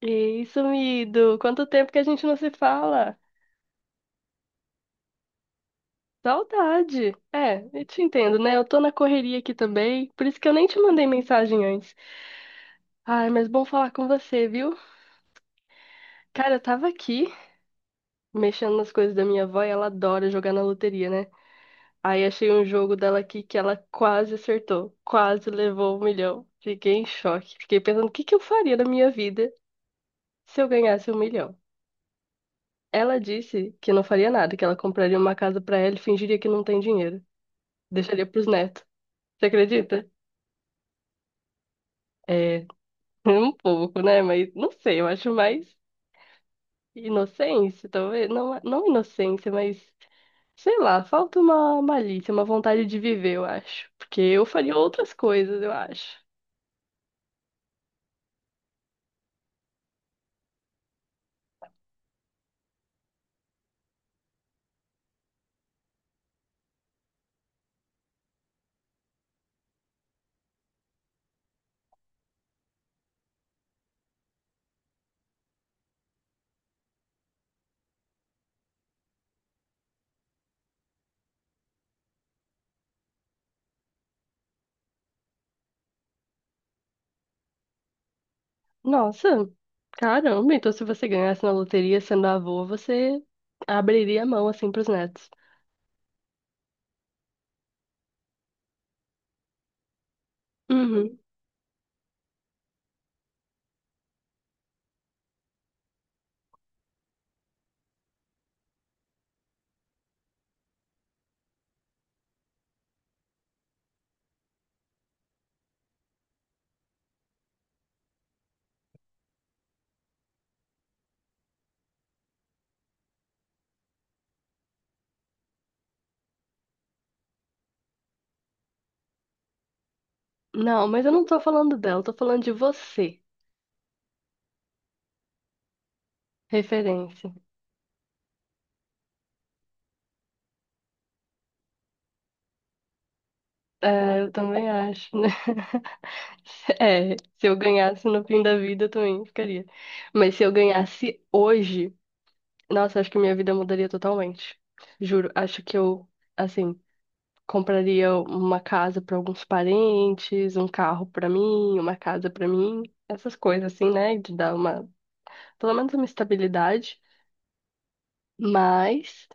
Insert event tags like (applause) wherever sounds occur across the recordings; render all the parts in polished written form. E isso, sumido, quanto tempo que a gente não se fala? Saudade. É, eu te entendo, né? Eu tô na correria aqui também, por isso que eu nem te mandei mensagem antes. Ai, mas bom falar com você, viu? Cara, eu tava aqui mexendo nas coisas da minha avó e ela adora jogar na loteria, né? Aí achei um jogo dela aqui que ela quase acertou, quase levou um milhão. Fiquei em choque, fiquei pensando o que que eu faria na minha vida se eu ganhasse um milhão. Ela disse que não faria nada, que ela compraria uma casa pra ela e fingiria que não tem dinheiro. Deixaria pros netos. Você acredita? É, (laughs) um pouco, né? Mas não sei, eu acho mais inocência, talvez. Não, não inocência, mas sei lá, falta uma malícia, uma vontade de viver, eu acho. Porque eu faria outras coisas, eu acho. Nossa, caramba, então se você ganhasse na loteria sendo avô, você abriria a mão assim pros netos. Uhum. Não, mas eu não tô falando dela, eu tô falando de você. Referência. É, eu também acho, né? É, se eu ganhasse no fim da vida, eu também ficaria. Mas se eu ganhasse hoje, nossa, acho que minha vida mudaria totalmente. Juro, acho que eu, assim, compraria uma casa para alguns parentes, um carro para mim, uma casa para mim, essas coisas assim, né? De dar uma, pelo menos uma estabilidade. Mas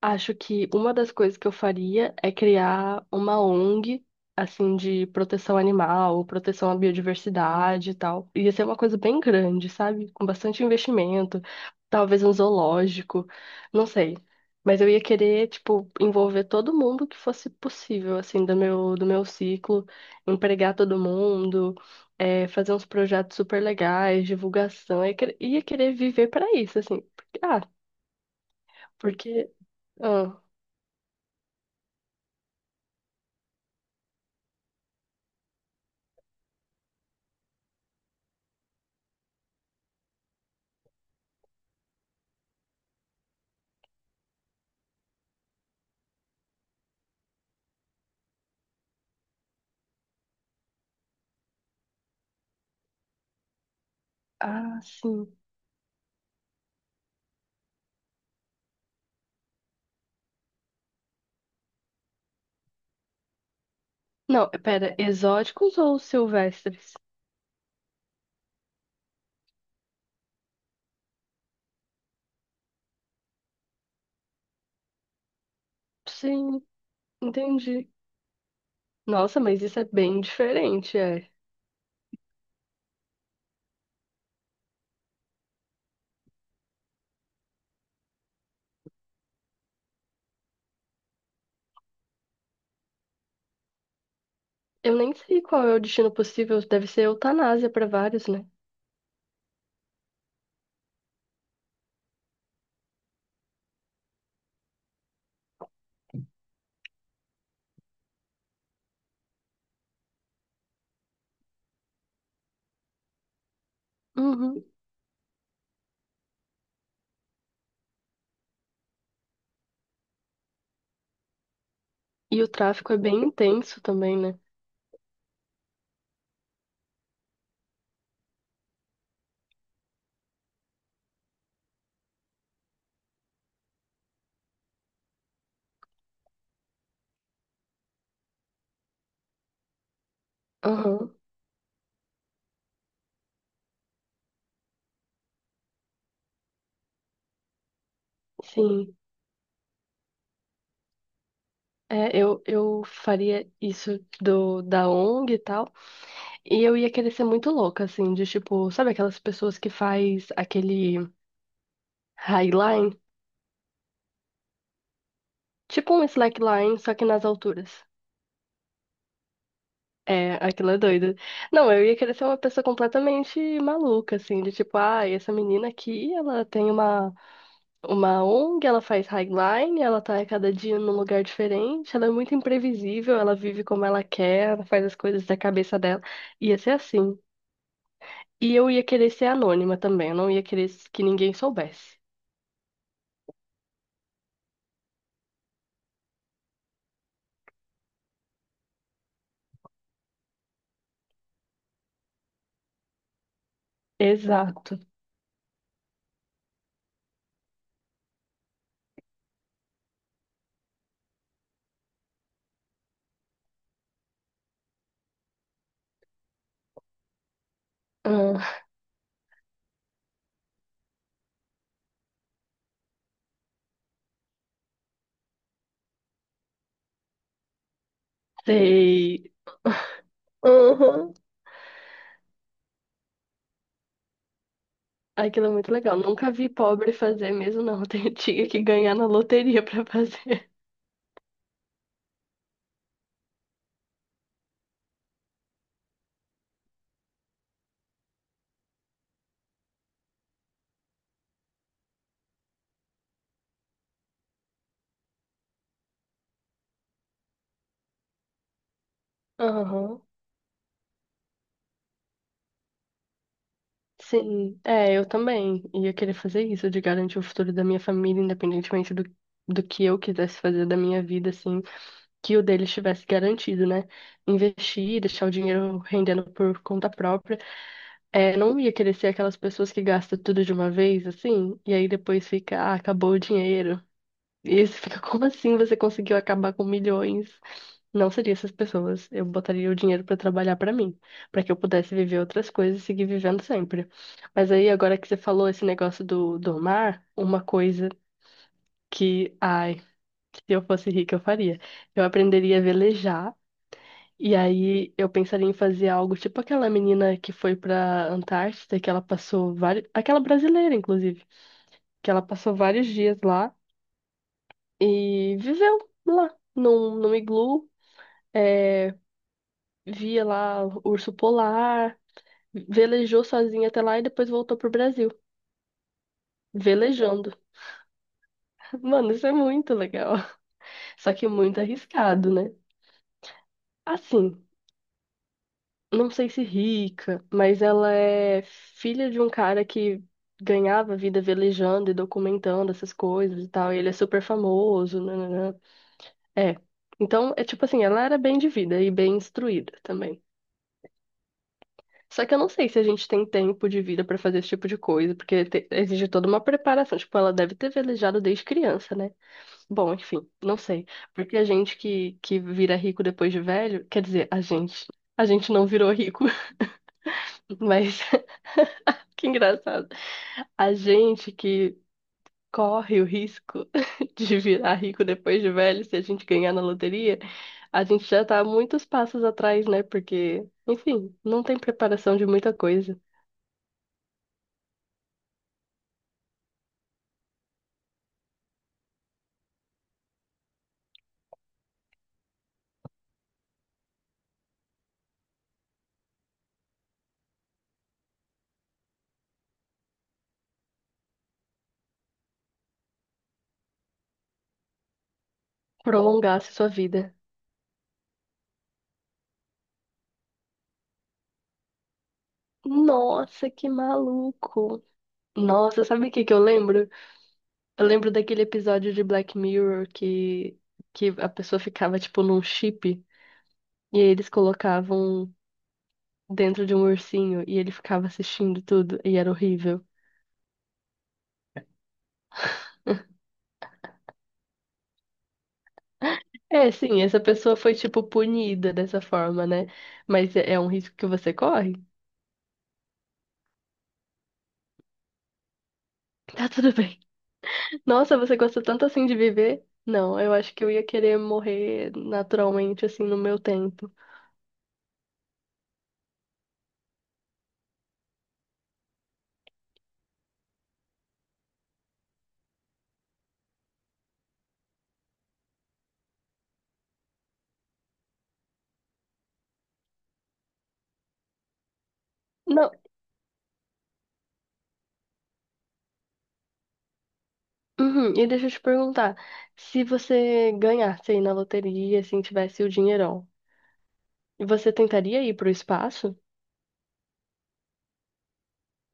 acho que uma das coisas que eu faria é criar uma ONG, assim, de proteção animal, proteção à biodiversidade e tal. Ia ser uma coisa bem grande, sabe? Com bastante investimento, talvez um zoológico, não sei. Mas eu ia querer, tipo, envolver todo mundo que fosse possível, assim, do meu ciclo, empregar todo mundo, fazer uns projetos super legais, divulgação. Eu ia querer viver para isso, assim. Porque. ah, Ah, sim. Não, pera, exóticos ou silvestres? Sim, entendi. Nossa, mas isso é bem diferente, é. Eu nem sei qual é o destino possível, deve ser eutanásia para vários, né? Uhum. E o tráfico é bem intenso também, né? Aham, sim. É, eu faria isso do da ONG e tal, e eu ia querer ser muito louca, assim, de tipo, sabe aquelas pessoas que faz aquele highline? Tipo um slackline, só que nas alturas. É, aquilo é doido. Não, eu ia querer ser uma pessoa completamente maluca, assim, de tipo, ah, essa menina aqui, ela tem uma ONG, ela faz highline, ela tá a cada dia num lugar diferente, ela é muito imprevisível, ela vive como ela quer, ela faz as coisas da cabeça dela. Ia ser assim. E eu ia querer ser anônima também, eu não ia querer que ninguém soubesse. Exato. Ah, (laughs) sei. Uhum. Aquilo é muito legal. Nunca vi pobre fazer mesmo, não. (laughs) Tinha que ganhar na loteria pra fazer. Aham. Sim, é, eu também ia querer fazer isso, de garantir o futuro da minha família, independentemente do que eu quisesse fazer da minha vida, assim, que o deles estivesse garantido, né? Investir, deixar o dinheiro rendendo por conta própria. É, não ia querer ser aquelas pessoas que gastam tudo de uma vez, assim, e aí depois fica, ah, acabou o dinheiro. E você fica, como assim você conseguiu acabar com milhões? Não seria essas pessoas. Eu botaria o dinheiro pra trabalhar pra mim, pra que eu pudesse viver outras coisas e seguir vivendo sempre. Mas aí, agora que você falou esse negócio do mar, uma coisa que, ai, se eu fosse rica, eu faria. Eu aprenderia a velejar. E aí eu pensaria em fazer algo tipo aquela menina que foi pra Antártida, que ela passou vários, aquela brasileira, inclusive, que ela passou vários dias lá. E viveu lá, num iglu, é, via lá o urso polar, velejou sozinha até lá e depois voltou pro Brasil, velejando. (laughs) Mano, isso é muito legal. (laughs) Só que muito arriscado, né? Assim, não sei se rica, mas ela é filha de um cara que ganhava vida velejando e documentando essas coisas e tal, e ele é super famoso, né? É. Então, é tipo assim, ela era bem de vida e bem instruída também. Só que eu não sei se a gente tem tempo de vida pra fazer esse tipo de coisa, porque exige toda uma preparação. Tipo, ela deve ter velejado desde criança, né? Bom, enfim, não sei. Porque a gente que vira rico depois de velho, quer dizer, a gente. A gente não virou rico, (laughs) mas (laughs) que engraçado. A gente que corre o risco (laughs) de virar rico depois de velho, se a gente ganhar na loteria, a gente já tá muitos passos atrás, né? Porque, enfim, não tem preparação de muita coisa. Prolongasse sua vida. Nossa, que maluco. Nossa, sabe o que que eu lembro? Eu lembro daquele episódio de Black Mirror que a pessoa ficava, tipo, num chip e aí eles colocavam dentro de um ursinho e ele ficava assistindo tudo e era horrível. É, sim, essa pessoa foi, tipo, punida dessa forma, né? Mas é um risco que você corre? (laughs) Tá tudo bem. Nossa, você gosta tanto assim de viver? Não, eu acho que eu ia querer morrer naturalmente, assim, no meu tempo. Não, uhum, e deixa eu te perguntar, se você ganhasse aí na loteria, assim, tivesse o dinheirão, você tentaria ir pro espaço?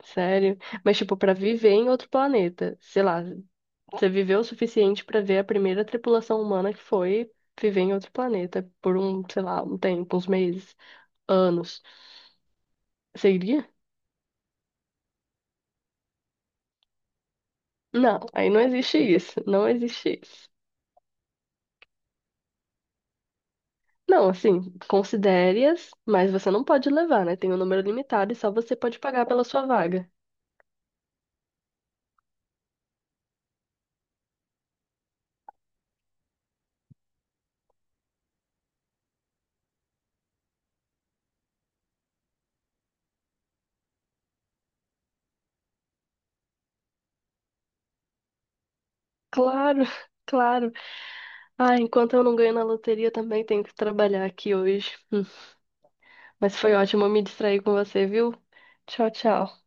Sério? Mas, tipo, pra viver em outro planeta. Sei lá, você viveu o suficiente pra ver a primeira tripulação humana que foi viver em outro planeta por um, sei lá, um tempo, uns meses, anos. Você iria? Não, aí não existe isso. Não existe isso. Não, assim, considere-as, mas você não pode levar, né? Tem um número limitado e só você pode pagar pela sua vaga. Claro, (laughs) claro. Ah, enquanto eu não ganho na loteria, também tenho que trabalhar aqui hoje. Mas foi ótimo me distrair com você, viu? Tchau, tchau.